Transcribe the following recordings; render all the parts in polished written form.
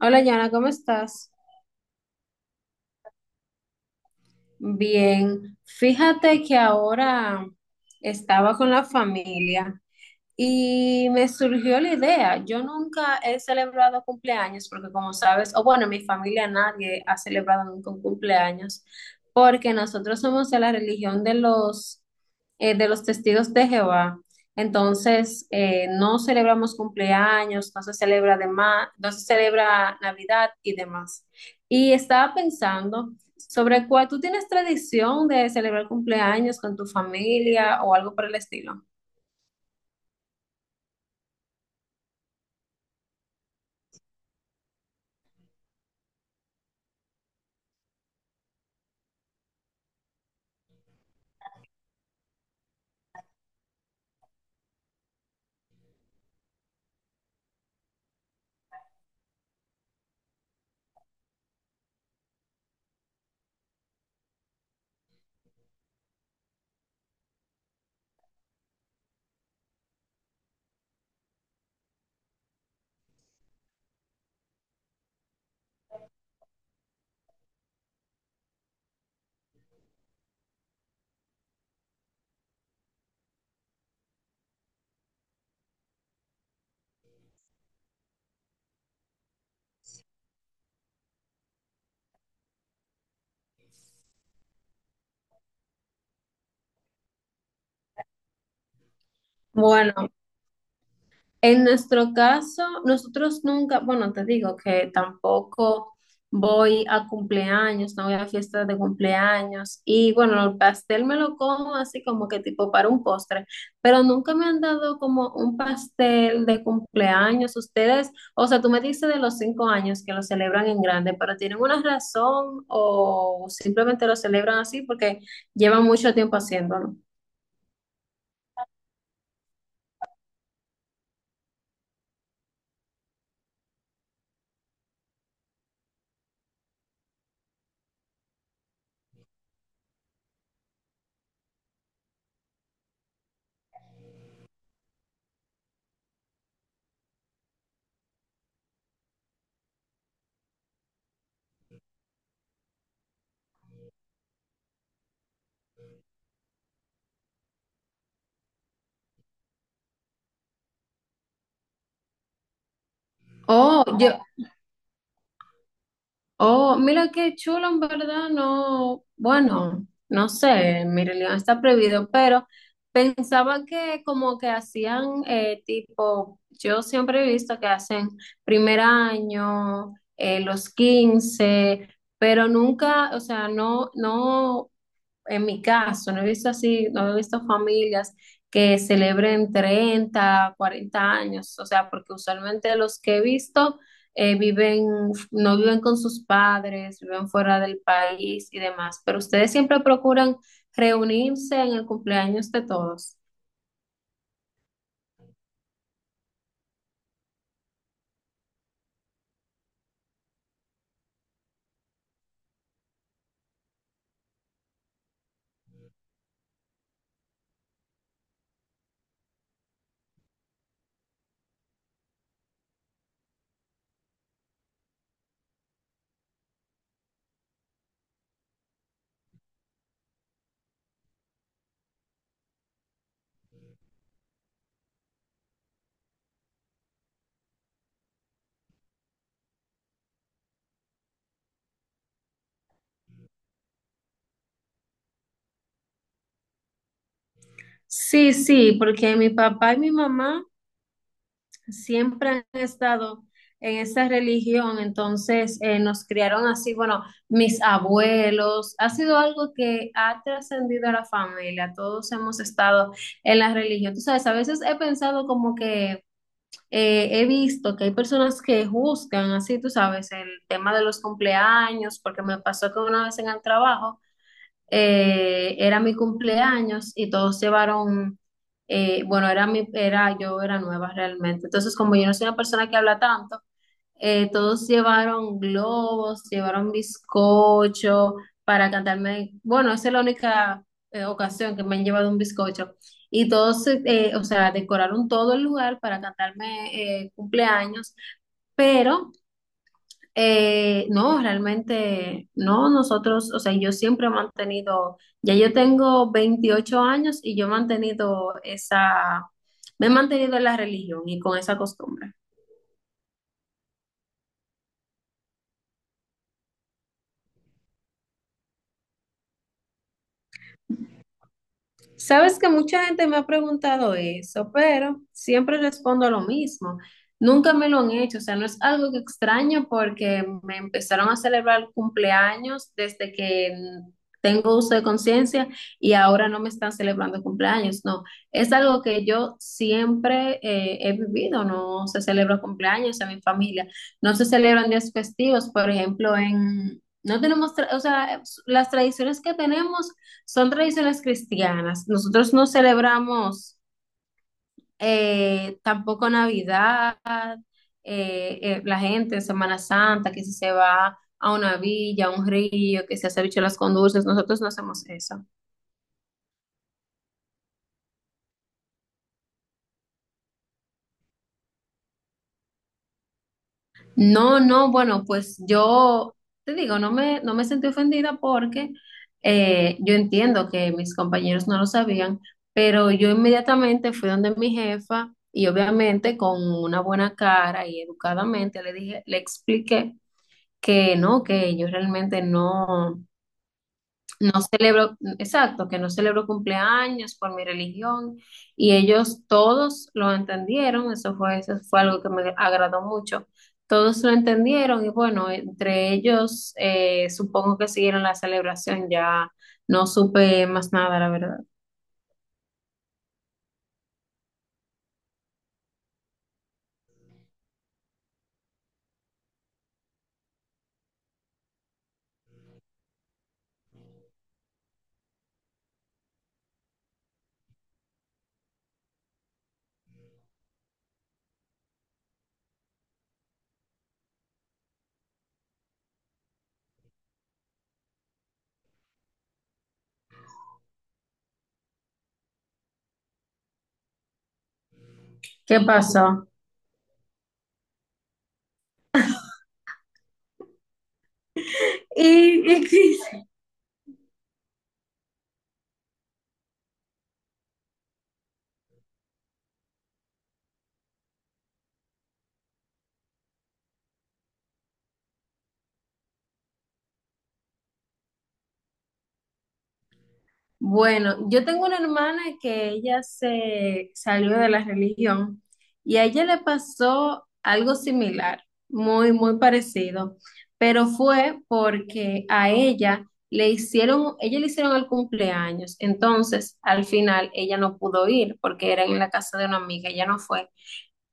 Hola, Yana, ¿cómo estás? Bien, fíjate que ahora estaba con la familia. Y me surgió la idea. Yo nunca he celebrado cumpleaños porque, como sabes, o bueno, en mi familia nadie ha celebrado nunca un cumpleaños porque nosotros somos de la religión de los testigos de Jehová. Entonces, no celebramos cumpleaños, no se celebra demás, no se celebra Navidad y demás. Y estaba pensando sobre cuál tú tienes tradición de celebrar cumpleaños con tu familia o algo por el estilo. Bueno, en nuestro caso, nosotros nunca, bueno, te digo que tampoco voy a cumpleaños, no voy a fiestas de cumpleaños y bueno, el pastel me lo como así como que tipo para un postre, pero nunca me han dado como un pastel de cumpleaños. Ustedes, o sea, tú me dices de los 5 años que lo celebran en grande, pero ¿tienen una razón o simplemente lo celebran así porque llevan mucho tiempo haciéndolo? Oh, yo, Oh, mira qué chulo, en verdad. No, bueno, no sé, Mirelión está prohibido, pero pensaba que como que hacían tipo, yo siempre he visto que hacen primer año, los 15, pero nunca, o sea, no, no, en mi caso, no he visto así, no he visto familias que celebren 30, 40 años, o sea, porque usualmente los que he visto viven, no viven con sus padres, viven fuera del país y demás, pero ustedes siempre procuran reunirse en el cumpleaños de todos. Sí, sí, porque mi papá y mi mamá siempre han estado en esa religión. Entonces, nos criaron así. Bueno, mis abuelos, ha sido algo que ha trascendido a la familia, todos hemos estado en la religión. Tú sabes, a veces he pensado como que he visto que hay personas que juzgan así, tú sabes, el tema de los cumpleaños, porque me pasó que una vez en el trabajo era mi cumpleaños y todos bueno, yo era nueva realmente. Entonces, como yo no soy una persona que habla tanto, todos llevaron globos, llevaron bizcocho para cantarme. Bueno, esa es la única ocasión que me han llevado un bizcocho. Y todos, o sea, decoraron todo el lugar para cantarme cumpleaños, pero no, realmente no, nosotros, o sea, yo siempre he mantenido, ya yo tengo 28 años y yo he mantenido me he mantenido en la religión y con esa costumbre. Sabes que mucha gente me ha preguntado eso, pero siempre respondo lo mismo. Nunca me lo han hecho, o sea, no es algo que extraño porque me empezaron a celebrar cumpleaños desde que tengo uso de conciencia y ahora no me están celebrando cumpleaños, no. Es algo que yo siempre he vivido, no se celebra cumpleaños en mi familia, no se celebran días festivos. Por ejemplo, no tenemos, o sea, las tradiciones que tenemos. Son tradiciones cristianas. Nosotros no celebramos tampoco Navidad, la gente en Semana Santa, que si se va a una villa, a un río, que se hace bicho las con dulces. Nosotros no hacemos eso. No, no, bueno, pues yo te digo, no me sentí ofendida porque yo entiendo que mis compañeros no lo sabían, pero yo inmediatamente fui donde mi jefa y obviamente con una buena cara y educadamente le dije, le expliqué que no, que yo realmente no. No celebro, exacto, que no celebro cumpleaños por mi religión y ellos todos lo entendieron, eso fue algo que me agradó mucho, todos lo entendieron y bueno, entre ellos supongo que siguieron la celebración, ya no supe más nada, la verdad. ¿Qué pasó? Y qué? Bueno, yo tengo una hermana que ella se salió de la religión y a ella le pasó algo similar, muy, muy parecido, pero fue porque a ella le hicieron el cumpleaños, entonces al final ella no pudo ir porque era en la casa de una amiga, ella no fue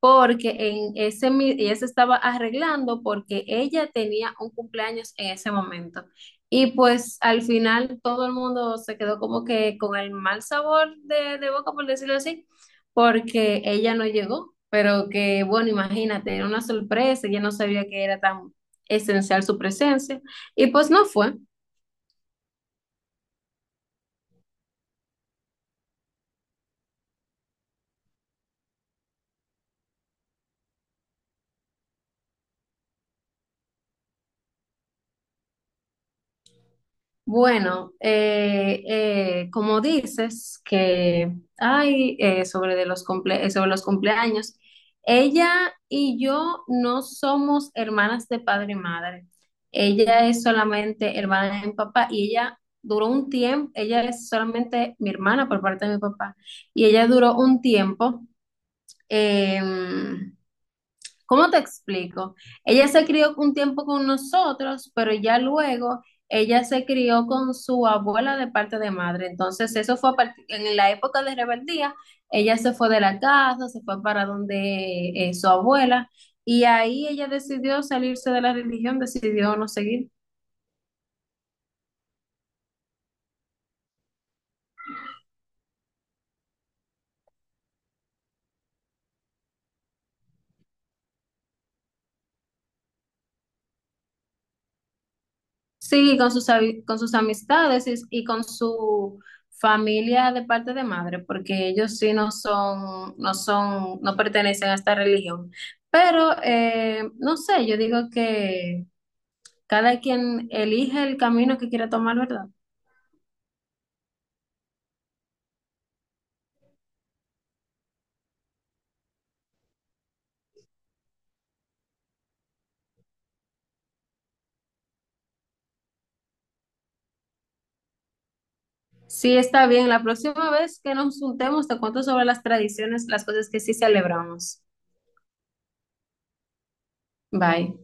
porque ella se estaba arreglando porque ella tenía un cumpleaños en ese momento. Y pues al final todo el mundo se quedó como que con el mal sabor de boca, por decirlo así, porque ella no llegó, pero que bueno, imagínate, era una sorpresa, ella no sabía que era tan esencial su presencia, y pues no fue. Bueno, como dices que hay sobre los cumpleaños, ella y yo no somos hermanas de padre y madre. Ella es solamente hermana de mi papá y ella duró un tiempo, ella es solamente mi hermana por parte de mi papá y ella duró un tiempo. em, ¿Cómo te explico? Ella se crió un tiempo con nosotros, pero ya luego ella se crió con su abuela de parte de madre. Entonces, eso fue en la época de rebeldía. Ella se fue de la casa, se fue para donde su abuela, y ahí ella decidió salirse de la religión, decidió no seguir. Sí, con sus amistades y con su familia de parte de madre, porque ellos sí no pertenecen a esta religión. Pero, no sé, yo digo que cada quien elige el camino que quiera tomar, ¿verdad? Sí, está bien. La próxima vez que nos juntemos, te cuento sobre las tradiciones, las cosas que sí celebramos. Bye.